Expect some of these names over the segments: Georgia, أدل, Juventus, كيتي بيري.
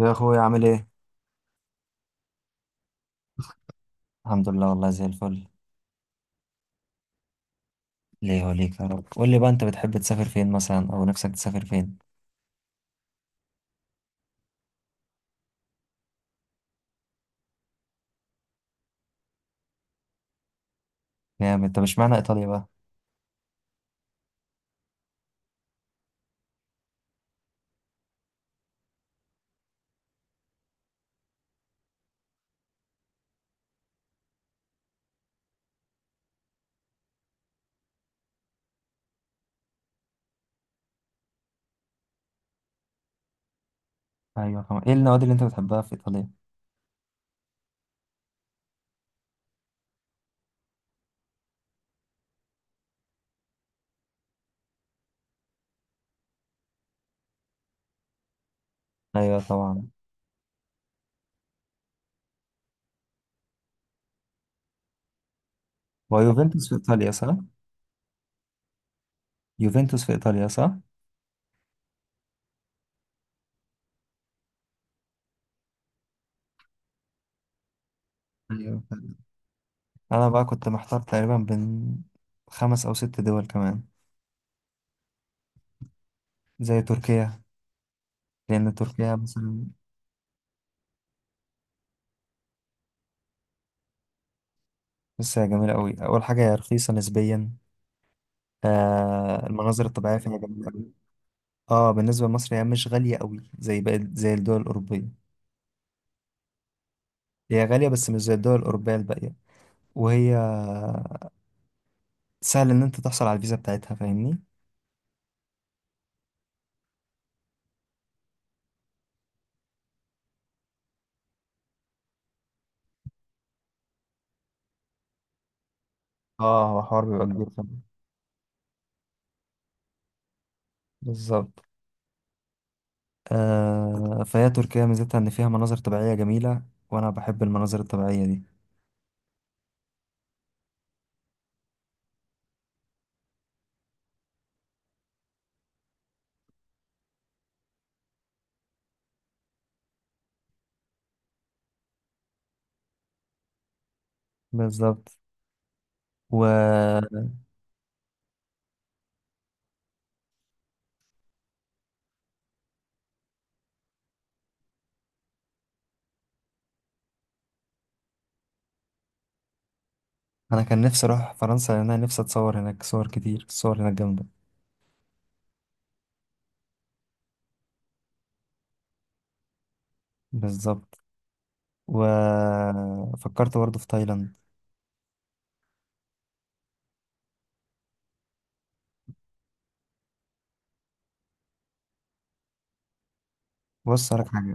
يا اخويا عامل ايه؟ الحمد لله، والله زي الفل. ليه وليك يا رب. قول لي بقى، انت بتحب تسافر فين مثلا، او نفسك تسافر فين؟ نعم، انت مش معنى ايطاليا بقى. ايوه طبعا. ايه النوادي اللي انت بتحبها في ايطاليا؟ ايوه طبعا. ويوفنتوس في ايطاليا صح؟ يوفنتوس في ايطاليا صح؟ ايوه فعلا. انا بقى كنت محتار تقريبا بين خمس او ست دول كمان. زي تركيا. لان تركيا مثلا. بس هي جميله قوي، اول حاجه هي رخيصه نسبيا. المناظر الطبيعيه فيها جميله قوي. اه، بالنسبة لمصر هي مش غالية قوي زي باقي زي الدول الأوروبية. هي غالية بس مش زي الدول الأوروبية الباقية. وهي سهل إن أنت تحصل على الفيزا بتاعتها، فاهمني. اه، هو حوار بيبقى كبير، فاهم. بالظبط. فهي تركيا ميزتها إن فيها مناظر طبيعية جميلة، وأنا بحب المناظر الطبيعية دي. بالظبط. وأنا كان نفسي أروح فرنسا، لأن أنا نفسي أتصور هناك صور كتير، الصور هناك جامدة. بالظبط. وفكرت برضه في تايلاند. بص هقولك حاجة.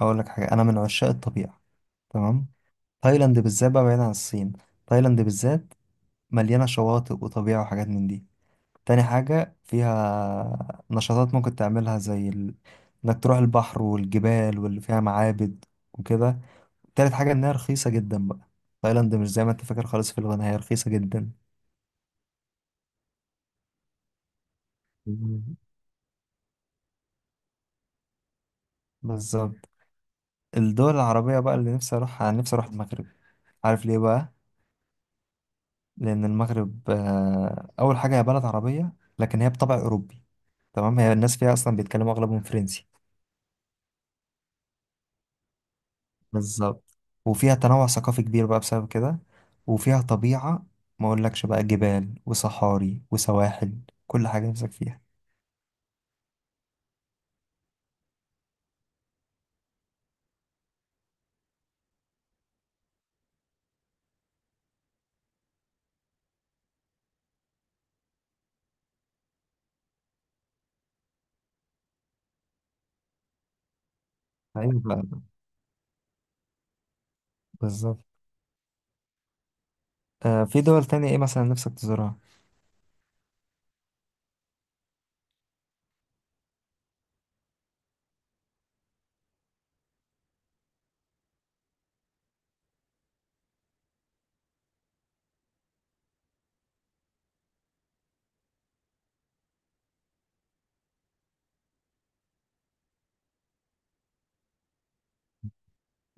هقولك حاجة، أنا من عشاق الطبيعة، تمام؟ تايلاند بالذات بقى، بعيد عن الصين، تايلاند بالذات مليانة شواطئ وطبيعة وحاجات من دي. تاني حاجة، فيها نشاطات ممكن تعملها زي ال... انك تروح البحر والجبال واللي فيها معابد وكده. تالت حاجة، انها رخيصة جدا بقى. تايلاند مش زي ما انت فاكر خالص في الغنى، هي رخيصة جدا. مم. بالظبط. الدول العربية بقى اللي نفسي اروحها، انا نفسي اروح المغرب. عارف ليه بقى؟ لأن المغرب، أول حاجة هي بلد عربية لكن هي بطبع أوروبي، تمام؟ هي الناس فيها أصلا بيتكلموا أغلبهم فرنسي. بالظبط. وفيها تنوع ثقافي كبير بقى بسبب كده. وفيها طبيعة ما أقولكش بقى، جبال وصحاري وسواحل، كل حاجة نفسك فيها. ايوه فعلا. بالظبط. في دول تانية إيه مثلا نفسك تزورها؟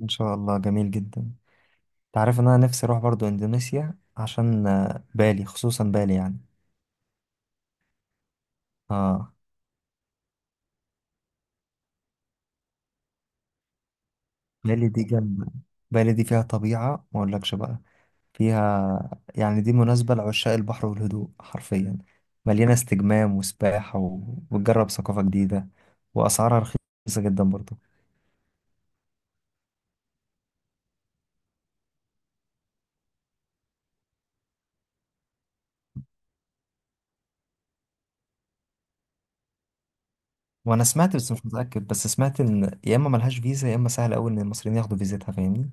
إن شاء الله، جميل جدا. تعرف إن أنا نفسي أروح برضو إندونيسيا، عشان بالي، خصوصا بالي يعني. آه. بالي دي جنب، بالي دي فيها طبيعة ما أقولكش بقى. فيها يعني، دي مناسبة لعشاق البحر والهدوء حرفيا، مليانة استجمام وسباحة و... وتجرب ثقافة جديدة، وأسعارها رخيصة جدا برضه. وأنا سمعت، بس مش متأكد، بس سمعت إن يا إما ملهاش فيزا يا إما سهل أوي إن المصريين ياخدوا فيزتها، فاهمني؟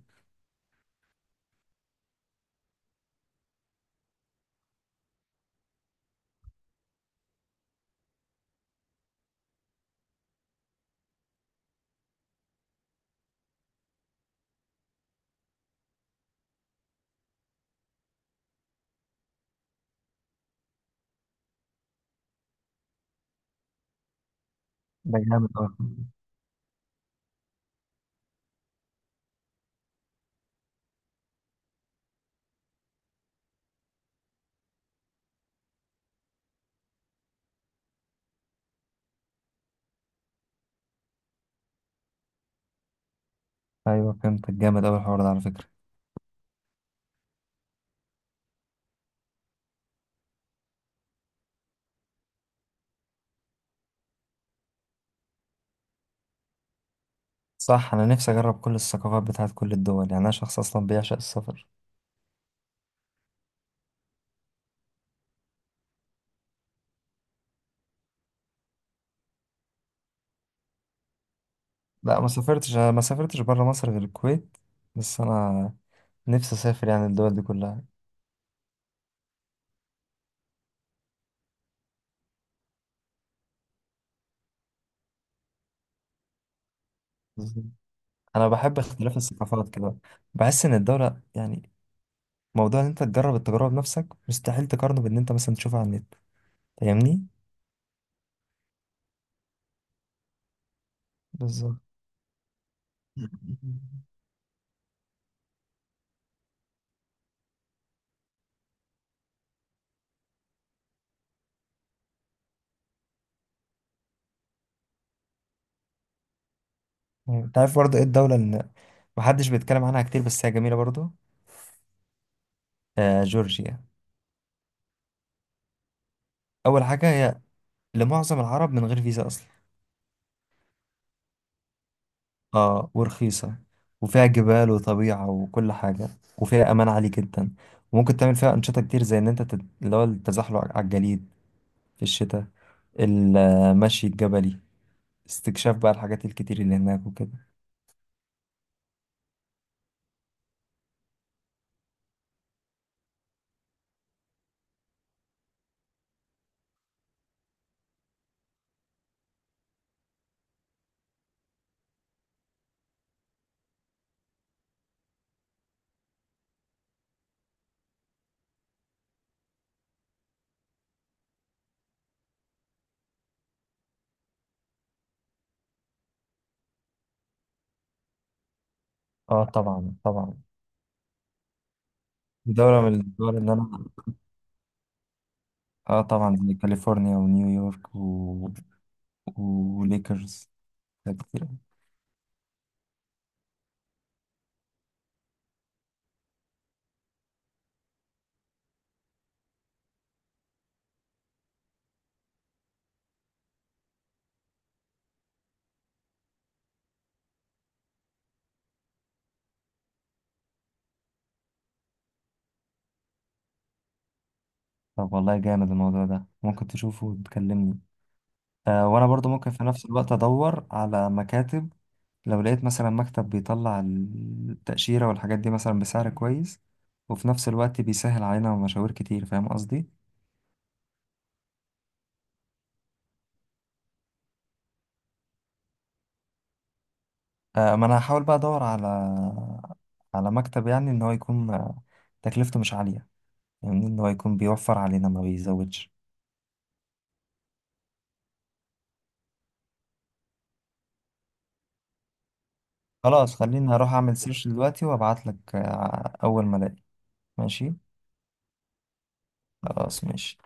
ده جامد أوي. أيوة فهمتك، جامد أوي الحوار ده على فكرة. صح. أنا نفسي أجرب كل الثقافات بتاعت كل الدول، يعني أنا شخص أصلا بيعشق السفر. لا، ما سافرتش، أنا ما سافرتش بره مصر غير الكويت. بس أنا نفسي أسافر يعني الدول دي كلها. انا بحب اختلاف الثقافات كده، بحس ان الدولة يعني، موضوع ان انت تجرب التجربة بنفسك مستحيل تقارنه بان انت مثلا تشوفها على النت، فاهمني؟ بالظبط. يعني انت عارف برضه ايه الدولة اللي محدش بيتكلم عنها كتير بس هي جميلة برضه؟ آه، جورجيا. اول حاجة هي لمعظم العرب من غير فيزا اصلا. اه، ورخيصة، وفيها جبال وطبيعة وكل حاجة، وفيها امان عالي جدا. وممكن تعمل فيها انشطة كتير، زي ان انت اللي هو التزحلق على الجليد في الشتاء، المشي الجبلي، استكشاف بقى الحاجات الكتير اللي هناك وكده. اه طبعا طبعا. دولة من الدول اللي أنا، آه طبعا، زي كاليفورنيا ونيويورك و... وليكرز، حاجات كتير أوي. طب والله جامد الموضوع ده، ممكن تشوفه وتكلمني. وأنا برضو ممكن في نفس الوقت أدور على مكاتب. لو لقيت مثلا مكتب بيطلع التأشيرة والحاجات دي مثلا بسعر كويس، وفي نفس الوقت بيسهل علينا مشاوير كتير، فاهم قصدي؟ ما انا هحاول بقى ادور على على مكتب، يعني ان هو يكون تكلفته مش عالية، يعني ان هو يكون بيوفر علينا ما بيزودش. خلاص خليني اروح اعمل سيرش دلوقتي وابعت لك، اول ما الاقي. ماشي، خلاص ماشي.